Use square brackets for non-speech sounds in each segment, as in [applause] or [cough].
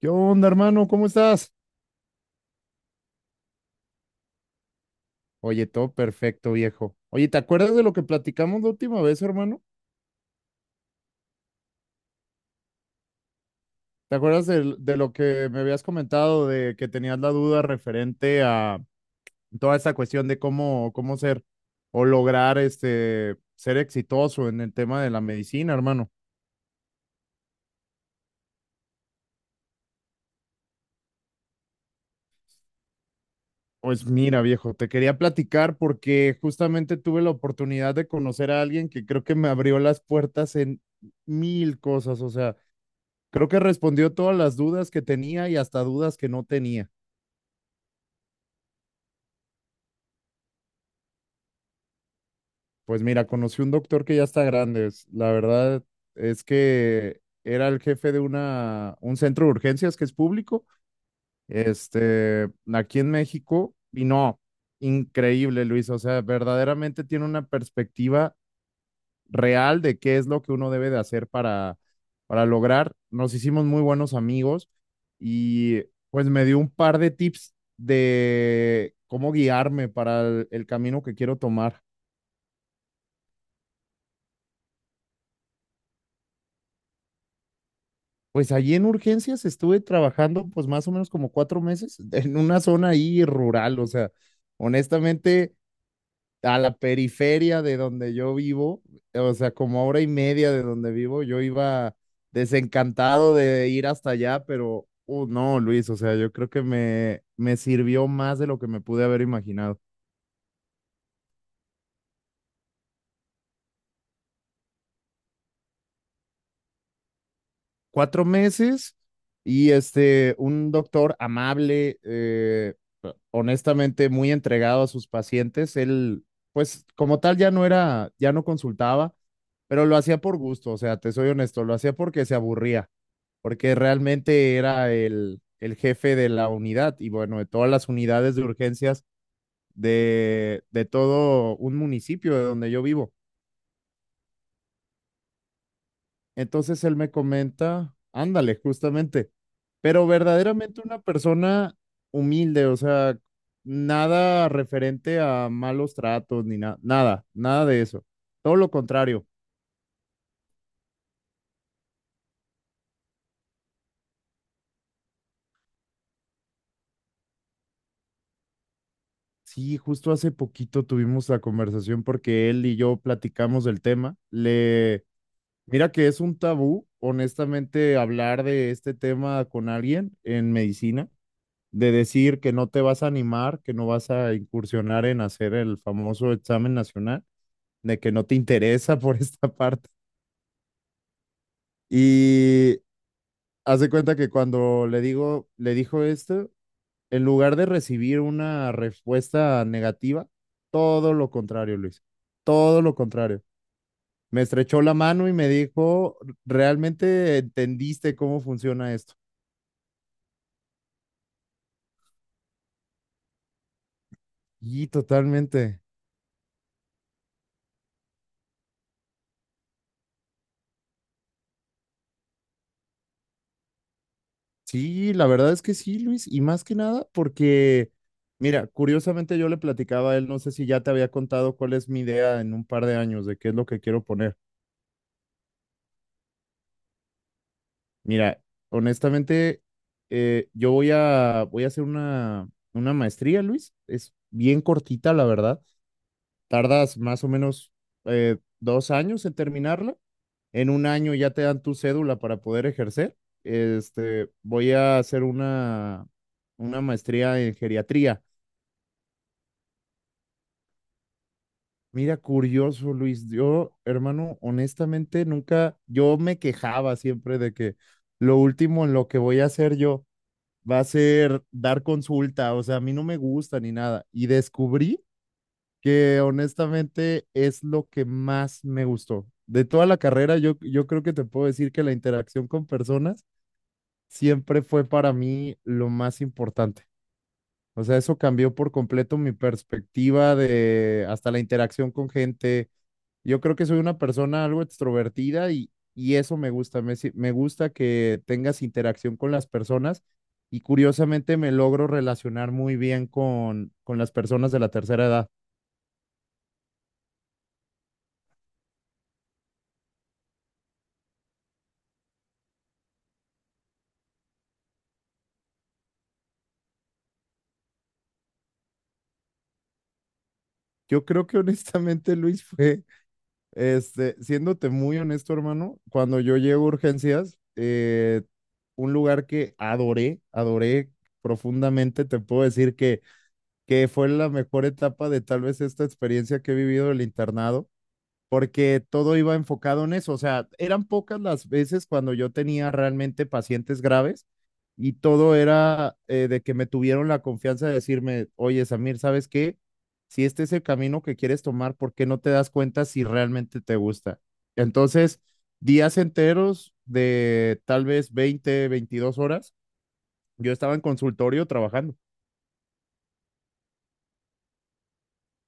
¿Qué onda, hermano? ¿Cómo estás? Oye, todo perfecto, viejo. Oye, ¿te acuerdas de lo que platicamos la última vez, hermano? ¿Te acuerdas de lo que me habías comentado, de que tenías la duda referente a toda esta cuestión de cómo ser o lograr ser exitoso en el tema de la medicina, hermano? Pues mira, viejo, te quería platicar porque justamente tuve la oportunidad de conocer a alguien que creo que me abrió las puertas en mil cosas, o sea. Creo que respondió todas las dudas que tenía y hasta dudas que no tenía. Pues mira, conocí un doctor que ya está grande. La verdad es que era el jefe de un centro de urgencias que es público, aquí en México. Y no, increíble, Luis. O sea, verdaderamente tiene una perspectiva real de qué es lo que uno debe de hacer para lograr. Nos hicimos muy buenos amigos y pues me dio un par de tips de cómo guiarme para el camino que quiero tomar. Pues allí en urgencias estuve trabajando pues más o menos como 4 meses en una zona ahí rural, o sea, honestamente a la periferia de donde yo vivo, o sea, como a hora y media de donde vivo, yo iba desencantado de ir hasta allá, pero no, Luis, o sea, yo creo que me sirvió más de lo que me pude haber imaginado. Cuatro meses y un doctor amable, honestamente muy entregado a sus pacientes, él, pues como tal, ya no consultaba, pero lo hacía por gusto, o sea, te soy honesto, lo hacía porque se aburría, porque realmente era el jefe de la unidad y bueno, de todas las unidades de urgencias de todo un municipio de donde yo vivo. Entonces él me comenta, ándale, justamente, pero verdaderamente una persona humilde, o sea, nada referente a malos tratos ni nada, nada, nada de eso. Todo lo contrario. Sí, justo hace poquito tuvimos la conversación porque él y yo platicamos del tema. Mira que es un tabú, honestamente, hablar de este tema con alguien en medicina, de decir que no te vas a animar, que no vas a incursionar en hacer el famoso examen nacional, de que no te interesa [laughs] por esta parte. Y hace cuenta que cuando le digo, le dijo esto, en lugar de recibir una respuesta negativa, todo lo contrario, Luis, todo lo contrario. Me estrechó la mano y me dijo, ¿realmente entendiste cómo funciona esto? Y totalmente. Sí, la verdad es que sí, Luis, y más que nada mira, curiosamente yo le platicaba a él, no sé si ya te había contado cuál es mi idea en un par de años de qué es lo que quiero poner. Mira, honestamente, voy a hacer una maestría, Luis. Es bien cortita, la verdad. Tardas más o menos 2 años en terminarla. En un año ya te dan tu cédula para poder ejercer. Voy a hacer una maestría en geriatría. Mira, curioso, Luis. Yo, hermano, honestamente, nunca, yo me quejaba siempre de que lo último en lo que voy a hacer yo va a ser dar consulta, o sea, a mí no me gusta ni nada. Y descubrí que honestamente es lo que más me gustó. De toda la carrera, yo creo que te puedo decir que la interacción con personas siempre fue para mí lo más importante. O sea, eso cambió por completo mi perspectiva de hasta la interacción con gente. Yo creo que soy una persona algo extrovertida y eso me gusta. Me, si- me gusta que tengas interacción con las personas y curiosamente me logro relacionar muy bien con las personas de la tercera edad. Yo creo que honestamente, Luis, fue, siéndote muy honesto, hermano, cuando yo llego a urgencias, un lugar que adoré, adoré profundamente, te puedo decir que fue la mejor etapa de tal vez esta experiencia que he vivido del internado, porque todo iba enfocado en eso. O sea, eran pocas las veces cuando yo tenía realmente pacientes graves y todo era de que me tuvieron la confianza de decirme, oye, Samir, ¿sabes qué? Si este es el camino que quieres tomar, ¿por qué no te das cuenta si realmente te gusta? Entonces, días enteros de tal vez 20 22 horas, yo estaba en consultorio trabajando.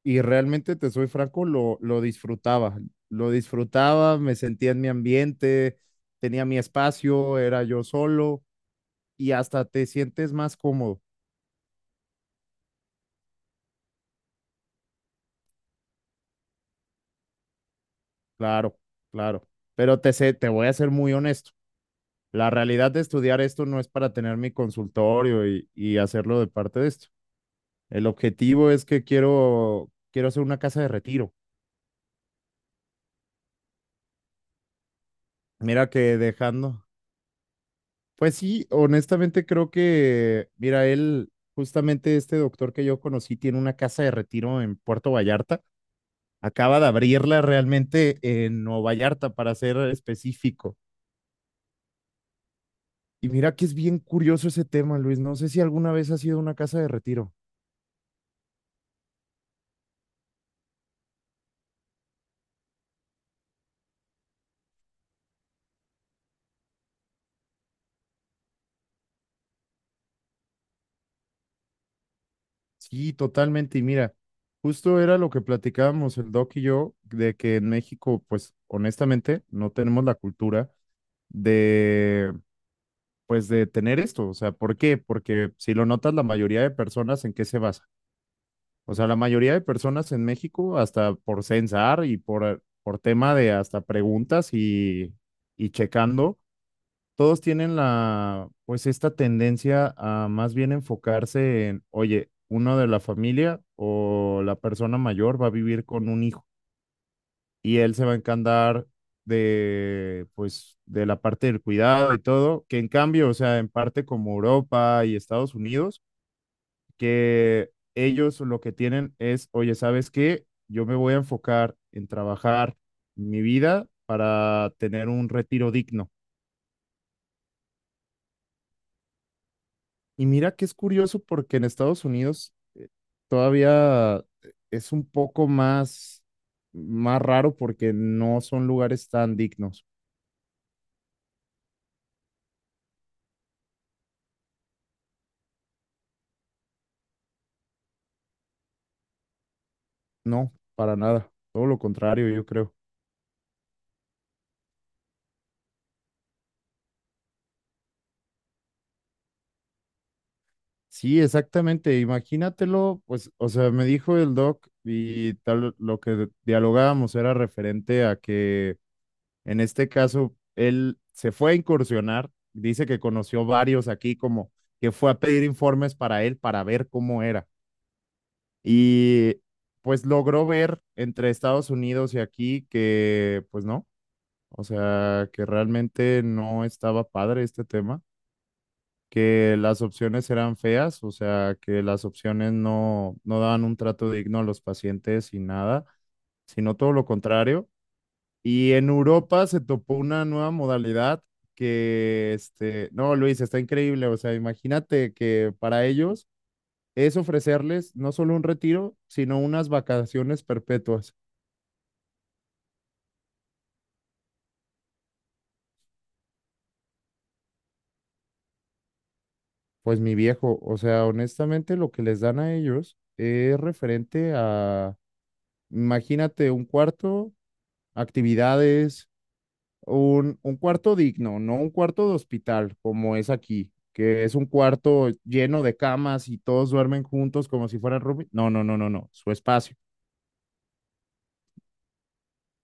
Y realmente, te soy franco, lo disfrutaba. Lo disfrutaba, me sentía en mi ambiente, tenía mi espacio, era yo solo y hasta te sientes más cómodo. Claro, claro. Pero te voy a ser muy honesto. La realidad de estudiar esto no es para tener mi consultorio y hacerlo de parte de esto. El objetivo es que quiero hacer una casa de retiro. Mira que dejando, Pues sí, honestamente creo que, mira, él, justamente este doctor que yo conocí, tiene una casa de retiro en Puerto Vallarta. Acaba de abrirla realmente en Nueva Vallarta, para ser específico. Y mira que es bien curioso ese tema, Luis. No sé si alguna vez ha sido una casa de retiro. Sí, totalmente. Y mira, justo era lo que platicábamos el doc y yo, de que en México, pues honestamente, no tenemos la cultura de pues de tener esto. O sea, ¿por qué? Porque si lo notas, la mayoría de personas en qué se basa. O sea, la mayoría de personas en México, hasta por censar y por tema de hasta preguntas y checando, todos tienen la, pues esta tendencia a más bien enfocarse en, oye, uno de la familia o la persona mayor va a vivir con un hijo y él se va a encantar de, pues, de la parte del cuidado y todo, que en cambio, o sea, en parte como Europa y Estados Unidos, que ellos lo que tienen es, oye, ¿sabes qué? Yo me voy a enfocar en trabajar mi vida para tener un retiro digno. Y mira que es curioso porque en Estados Unidos todavía es un poco más raro porque no son lugares tan dignos. No, para nada. Todo lo contrario, yo creo. Sí, exactamente. Imagínatelo, pues, o sea, me dijo el doc y tal, lo que dialogábamos era referente a que en este caso él se fue a incursionar, dice que conoció varios aquí como que fue a pedir informes para él para ver cómo era. Y pues logró ver entre Estados Unidos y aquí que pues no, o sea, que realmente no estaba padre este tema, que las opciones eran feas, o sea, que las opciones no daban un trato digno a los pacientes y nada, sino todo lo contrario. Y en Europa se topó una nueva modalidad que, no, Luis, está increíble, o sea, imagínate que para ellos es ofrecerles no solo un retiro, sino unas vacaciones perpetuas. Pues mi viejo, o sea, honestamente lo que les dan a ellos es referente a, imagínate, un cuarto, actividades, un cuarto digno, no un cuarto de hospital como es aquí, que es un cuarto lleno de camas y todos duermen juntos como si fueran roomies. No, no, no, no, no, su espacio,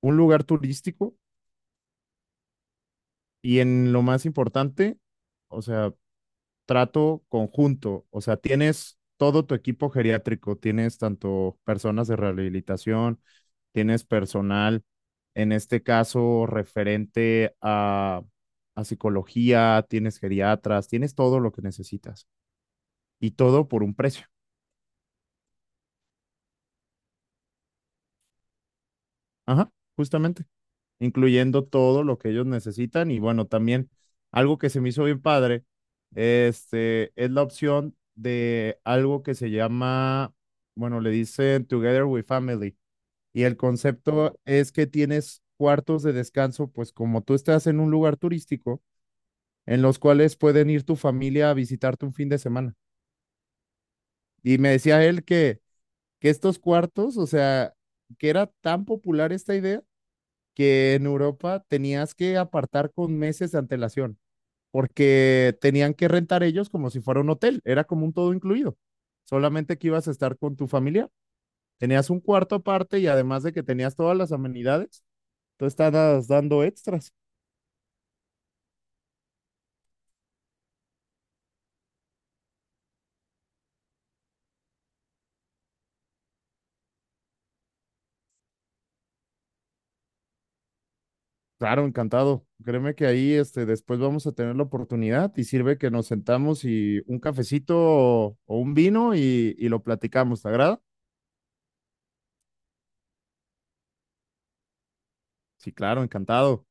un lugar turístico y en lo más importante, o sea, trato conjunto, o sea, tienes todo tu equipo geriátrico, tienes tanto personas de rehabilitación, tienes personal, en este caso referente a psicología, tienes geriatras, tienes todo lo que necesitas y todo por un precio. Ajá, justamente, incluyendo todo lo que ellos necesitan y bueno, también algo que se me hizo bien padre, es la opción de algo que se llama, bueno, le dicen Together with Family y el concepto es que tienes cuartos de descanso, pues como tú estás en un lugar turístico, en los cuales pueden ir tu familia a visitarte un fin de semana. Y me decía él que estos cuartos, o sea, que era tan popular esta idea que en Europa tenías que apartar con meses de antelación, porque tenían que rentar ellos como si fuera un hotel, era como un todo incluido, solamente que ibas a estar con tu familia, tenías un cuarto aparte y además de que tenías todas las amenidades, tú estabas dando extras. Claro, encantado. Créeme que ahí después vamos a tener la oportunidad y sirve que nos sentamos y un cafecito o un vino y lo platicamos. ¿Te agrada? Sí, claro, encantado.